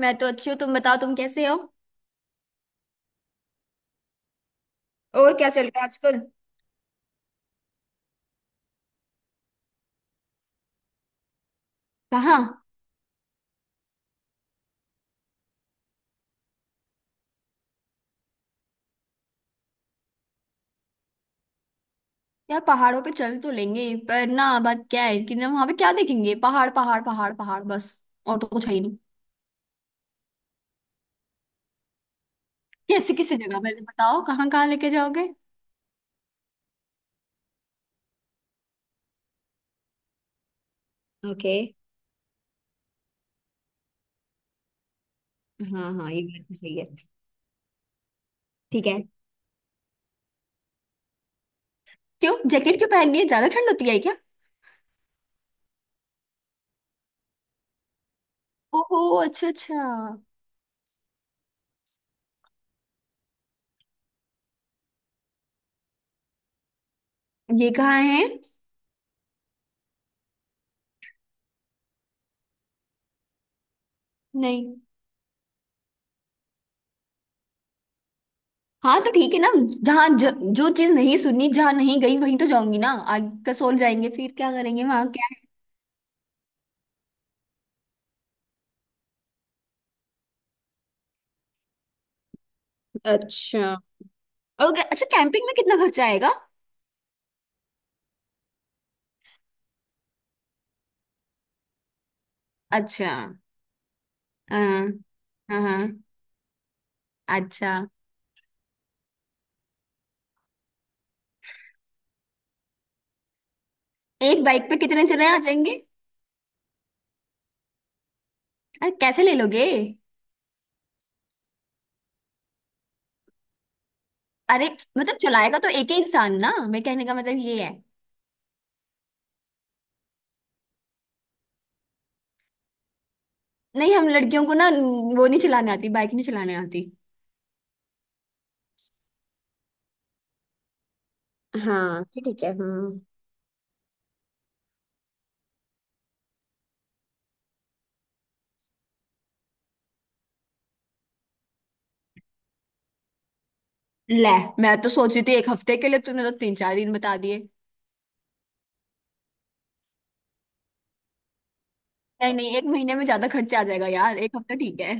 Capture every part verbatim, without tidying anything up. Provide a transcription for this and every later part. मैं तो अच्छी हूँ। तुम बताओ तुम कैसे हो। और क्या चल रहा है आजकल। कहाँ? यार पहाड़ों पे चल तो लेंगे, पर ना बात क्या है कि ना वहां पे क्या देखेंगे? पहाड़ पहाड़ पहाड़ पहाड़ बस। और तो कुछ है ही नहीं। कैसे किसी जगह पहले बताओ कहाँ कहाँ लेके जाओगे? ओके। हाँ हाँ, ये बात तो सही है। ठीक है। क्यों, जैकेट क्यों पहननी है? ज्यादा ठंड होती है क्या? ओहो, अच्छा अच्छा। ये कहाँ है? नहीं। हाँ तो ठीक है ना। जहाँ ज, जो चीज नहीं सुनी, जहाँ नहीं गई वहीं तो जाऊंगी ना। आगे कसोल जाएंगे फिर क्या करेंगे वहां, क्या? अच्छा। और ग- अच्छा, कैंपिंग में कितना खर्चा आएगा? अच्छा। हाँ हाँ हाँ, अच्छा। एक बाइक पे कितने जने आ जाएंगे? अरे कैसे ले लोगे? अरे, मतलब चलाएगा तो एक ही इंसान ना, मैं कहने का मतलब ये है। नहीं, हम लड़कियों को ना वो नहीं चलाने आती, बाइक नहीं चलाने आती। हाँ फिर ठीक है। हम्म। ले, मैं तो सोच रही थी एक हफ्ते के लिए, तूने तो तीन चार दिन बता दिए। नहीं नहीं, एक महीने में ज्यादा खर्चा आ जाएगा यार, एक हफ्ता ठीक है।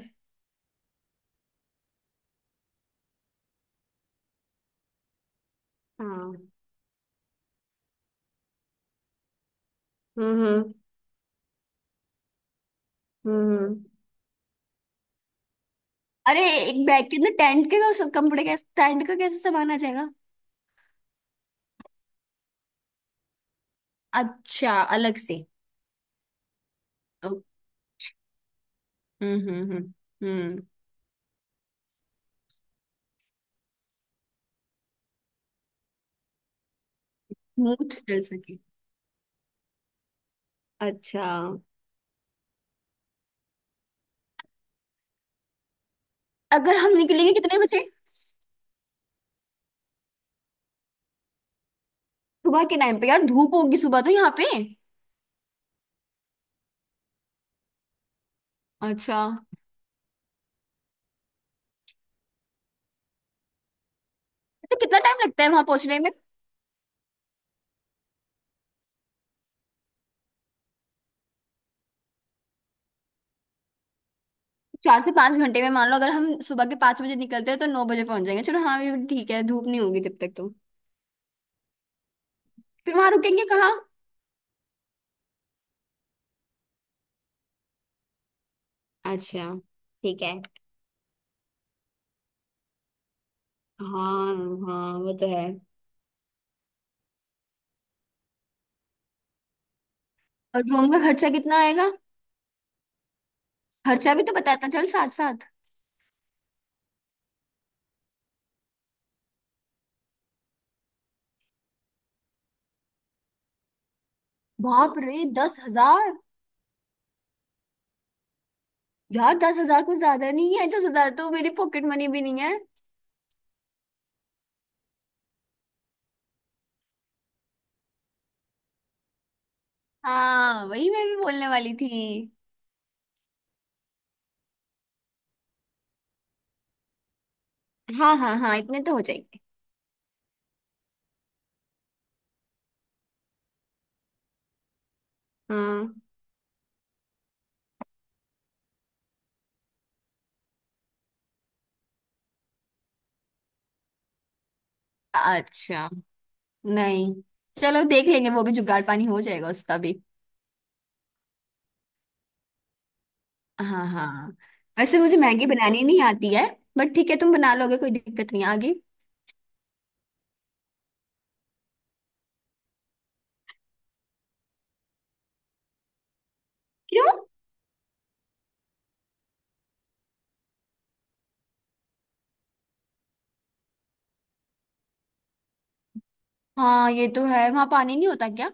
हाँ। हम्म हम्म हम्म। अरे, एक बैग के अंदर टेंट के कैसे- कपड़े कैसे, टेंट का कैसे सामान आ जाएगा? अच्छा, अलग से? ओ- हम्म हम्म हम्म हम्म। स्मूथ चल सके। अच्छा। अगर हम निकलेंगे कितने बजे? सुबह के टाइम पे यार धूप होगी, सुबह तो यहाँ पे। अच्छा। तो कितना टाइम लगता है वहां पहुंचने में? चार से पांच घंटे में मान लो अगर हम सुबह के पांच बजे निकलते हैं तो नौ बजे पहुंच जाएंगे। चलो हाँ, ये ठीक है, धूप नहीं होगी जब तक तो। फिर वहां रुकेंगे कहाँ? अच्छा। ठीक है। हाँ। हाँ वो तो है। और रूम का खर्चा कितना आएगा? खर्चा भी तो बताता चल साथ साथ। बाप रे, दस हजार! यार दस हजार कुछ ज्यादा नहीं है? दस हजार तो मेरी पॉकेट मनी भी नहीं है। हाँ वही मैं भी बोलने वाली थी। हाँ हाँ हाँ, इतने तो हो जाएंगे। हाँ। अच्छा, नहीं। चलो देख लेंगे, वो भी जुगाड़ पानी हो जाएगा उसका भी। हाँ हाँ। वैसे मुझे मैगी बनानी नहीं आती है। बट ठीक है, तुम बना लोगे, कोई दिक्कत नहीं आगे। क्यों? हाँ ये तो है, वहां पानी नहीं होता क्या?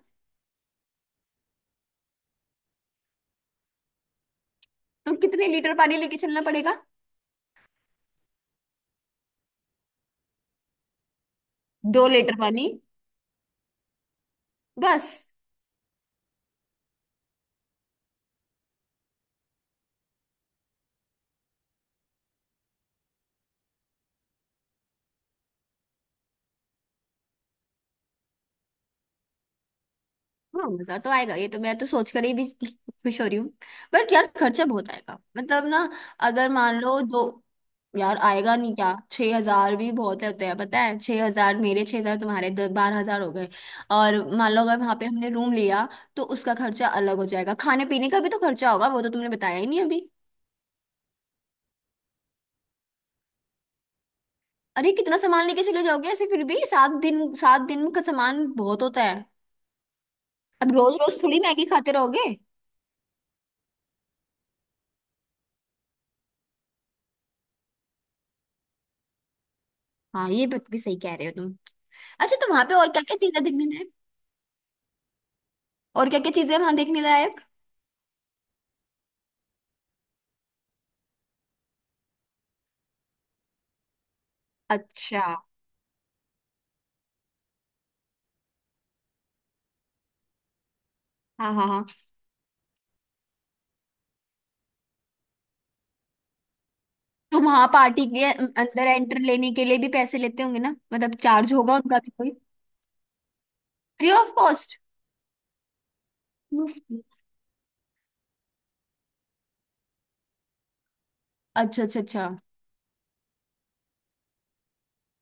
तो कितने लीटर पानी लेके चलना पड़ेगा? दो लीटर पानी? बस? हाँ मजा तो आएगा, ये तो मैं तो सोच कर ही भी खुश हो रही हूँ। बट यार खर्चा बहुत आएगा मतलब ना। अगर मान लो दो। यार आएगा नहीं क्या? छह हजार भी बहुत होते हैं पता है। छह हजार मेरे, छह हजार तुम्हारे, दस बारह हजार हो गए। और मान लो अगर वहां पे हमने रूम लिया तो उसका खर्चा अलग हो जाएगा, खाने पीने का भी तो खर्चा होगा, वो तो तुमने बताया ही नहीं अभी। अरे कितना सामान लेके चले जाओगे ऐसे? फिर भी सात दिन, सात दिन का सामान बहुत होता है। अब रोज रोज थोड़ी मैगी खाते रहोगे। हाँ ये बात भी सही कह रहे हो तुम। अच्छा तो वहां पे और क्या क्या चीजें देखने लायक? और क्या क्या चीजें हैं वहां देखने लायक? अच्छा। हाँ हाँ हाँ। तो वहां पार्टी के अंदर एंटर लेने के लिए भी पैसे लेते होंगे ना, मतलब चार्ज होगा उनका भी कोई? Free of cost? मुफ्त में। अच्छा अच्छा अच्छा।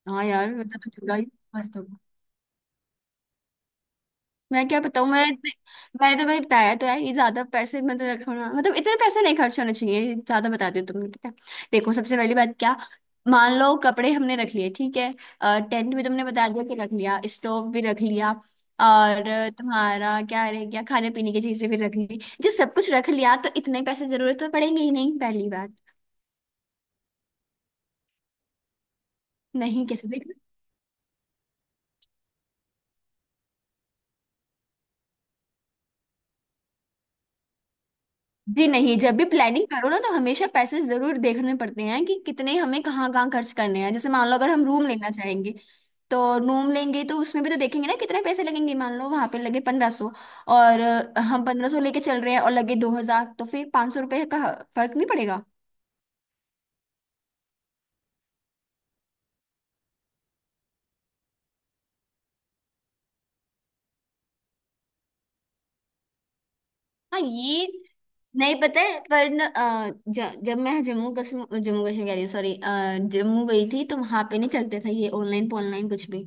हाँ यार, मतलब तो जगह ही मस्त। मैं क्या बताऊँ मैं? मैंने तो भाई बताया तो है, ये ज्यादा पैसे मतलब रखना मतलब, इतने पैसे नहीं खर्च होने चाहिए ये, ज्यादा बता दियो तुमने पता है। देखो सबसे पहली बात क्या। मान लो कपड़े हमने रख लिए ठीक है, अ, टेंट भी तुमने बता दिया कि रख लिया, स्टोव भी रख लिया। और तुम्हारा क्या रह गया? खाने पीने की चीजें भी रख ली, जब सब कुछ रख लिया तो इतने पैसे जरूरत तो पड़ेंगे ही नहीं, पहली बात। नहीं कैसे? जी नहीं, जब भी प्लानिंग करो ना तो हमेशा पैसे जरूर देखने पड़ते हैं कि कितने हमें कहाँ कहाँ खर्च करने हैं। जैसे मान लो अगर हम रूम लेना चाहेंगे, तो रूम लेंगे तो उसमें भी तो देखेंगे ना कितने पैसे लगेंगे, मान लो वहां पे लगे पंद्रह सौ और अ, हम पंद्रह सौ लेके चल रहे हैं और लगे दो हजार, तो फिर पाँच सौ रुपये का फर्क नहीं पड़ेगा। हाँ ये नहीं पता है, पर न, अ, ज, जब मैं जम्मू कश्मीर, जम्मू कश्मीर कह रही हूँ, सॉरी, जम्मू गई थी तो वहां पे नहीं चलते थे ये ऑनलाइन, ऑनलाइन कुछ भी।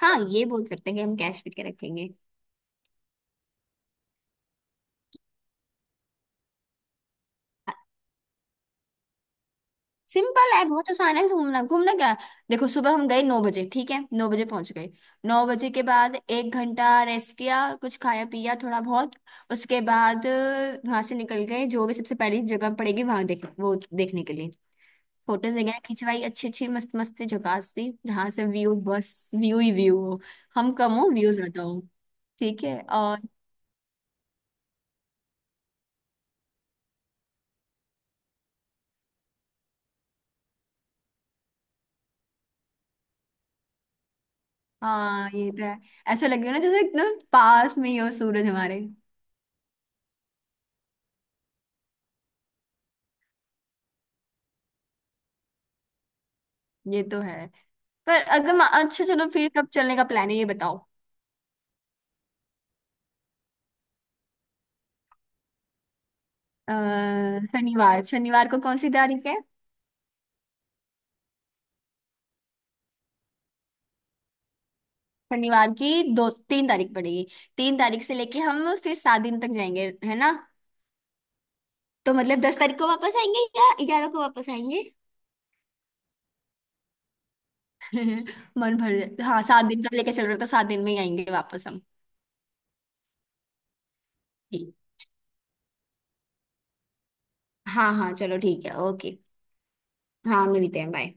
हाँ, ये बोल सकते हैं कि हम कैश लेके रखेंगे। सिंपल है, बहुत आसान है घूमना। घूमना क्या, देखो सुबह हम गए नौ बजे ठीक है, नौ बजे पहुंच गए। नौ बजे के बाद एक घंटा रेस्ट किया, कुछ खाया पिया थोड़ा बहुत, उसके बाद वहां से निकल गए, जो भी सबसे पहली जगह पड़ेगी वहां देख, वो देखने के लिए। फोटोज वगैरह खिंचवाई अच्छी अच्छी मस्त मस्त सी जगह सी, जहाँ से व्यू बस व्यू ही व्यू हो। हम कम हो, व्यू ज्यादा हो। ठीक है और। हाँ ये तो है। ऐसा लगे ना जैसे एकदम पास में ही हो सूरज हमारे। ये तो है, पर अगर मा- अच्छा चलो, फिर कब चलने का प्लान है ये बताओ? अ, शनिवार, शनिवार को कौन सी तारीख है? शनिवार की दो तीन तारीख पड़ेगी? तीन तारीख से लेके हम फिर सात दिन तक जाएंगे है ना। तो मतलब दस तारीख को वापस आएंगे या ग्यारह को वापस आएंगे? मन भर जाए? हाँ, सात दिन तक लेके चल रहे हो तो सात दिन में ही आएंगे वापस हम। ठीक। हाँ हाँ चलो ठीक है ओके। हाँ मिलते हैं, बाय।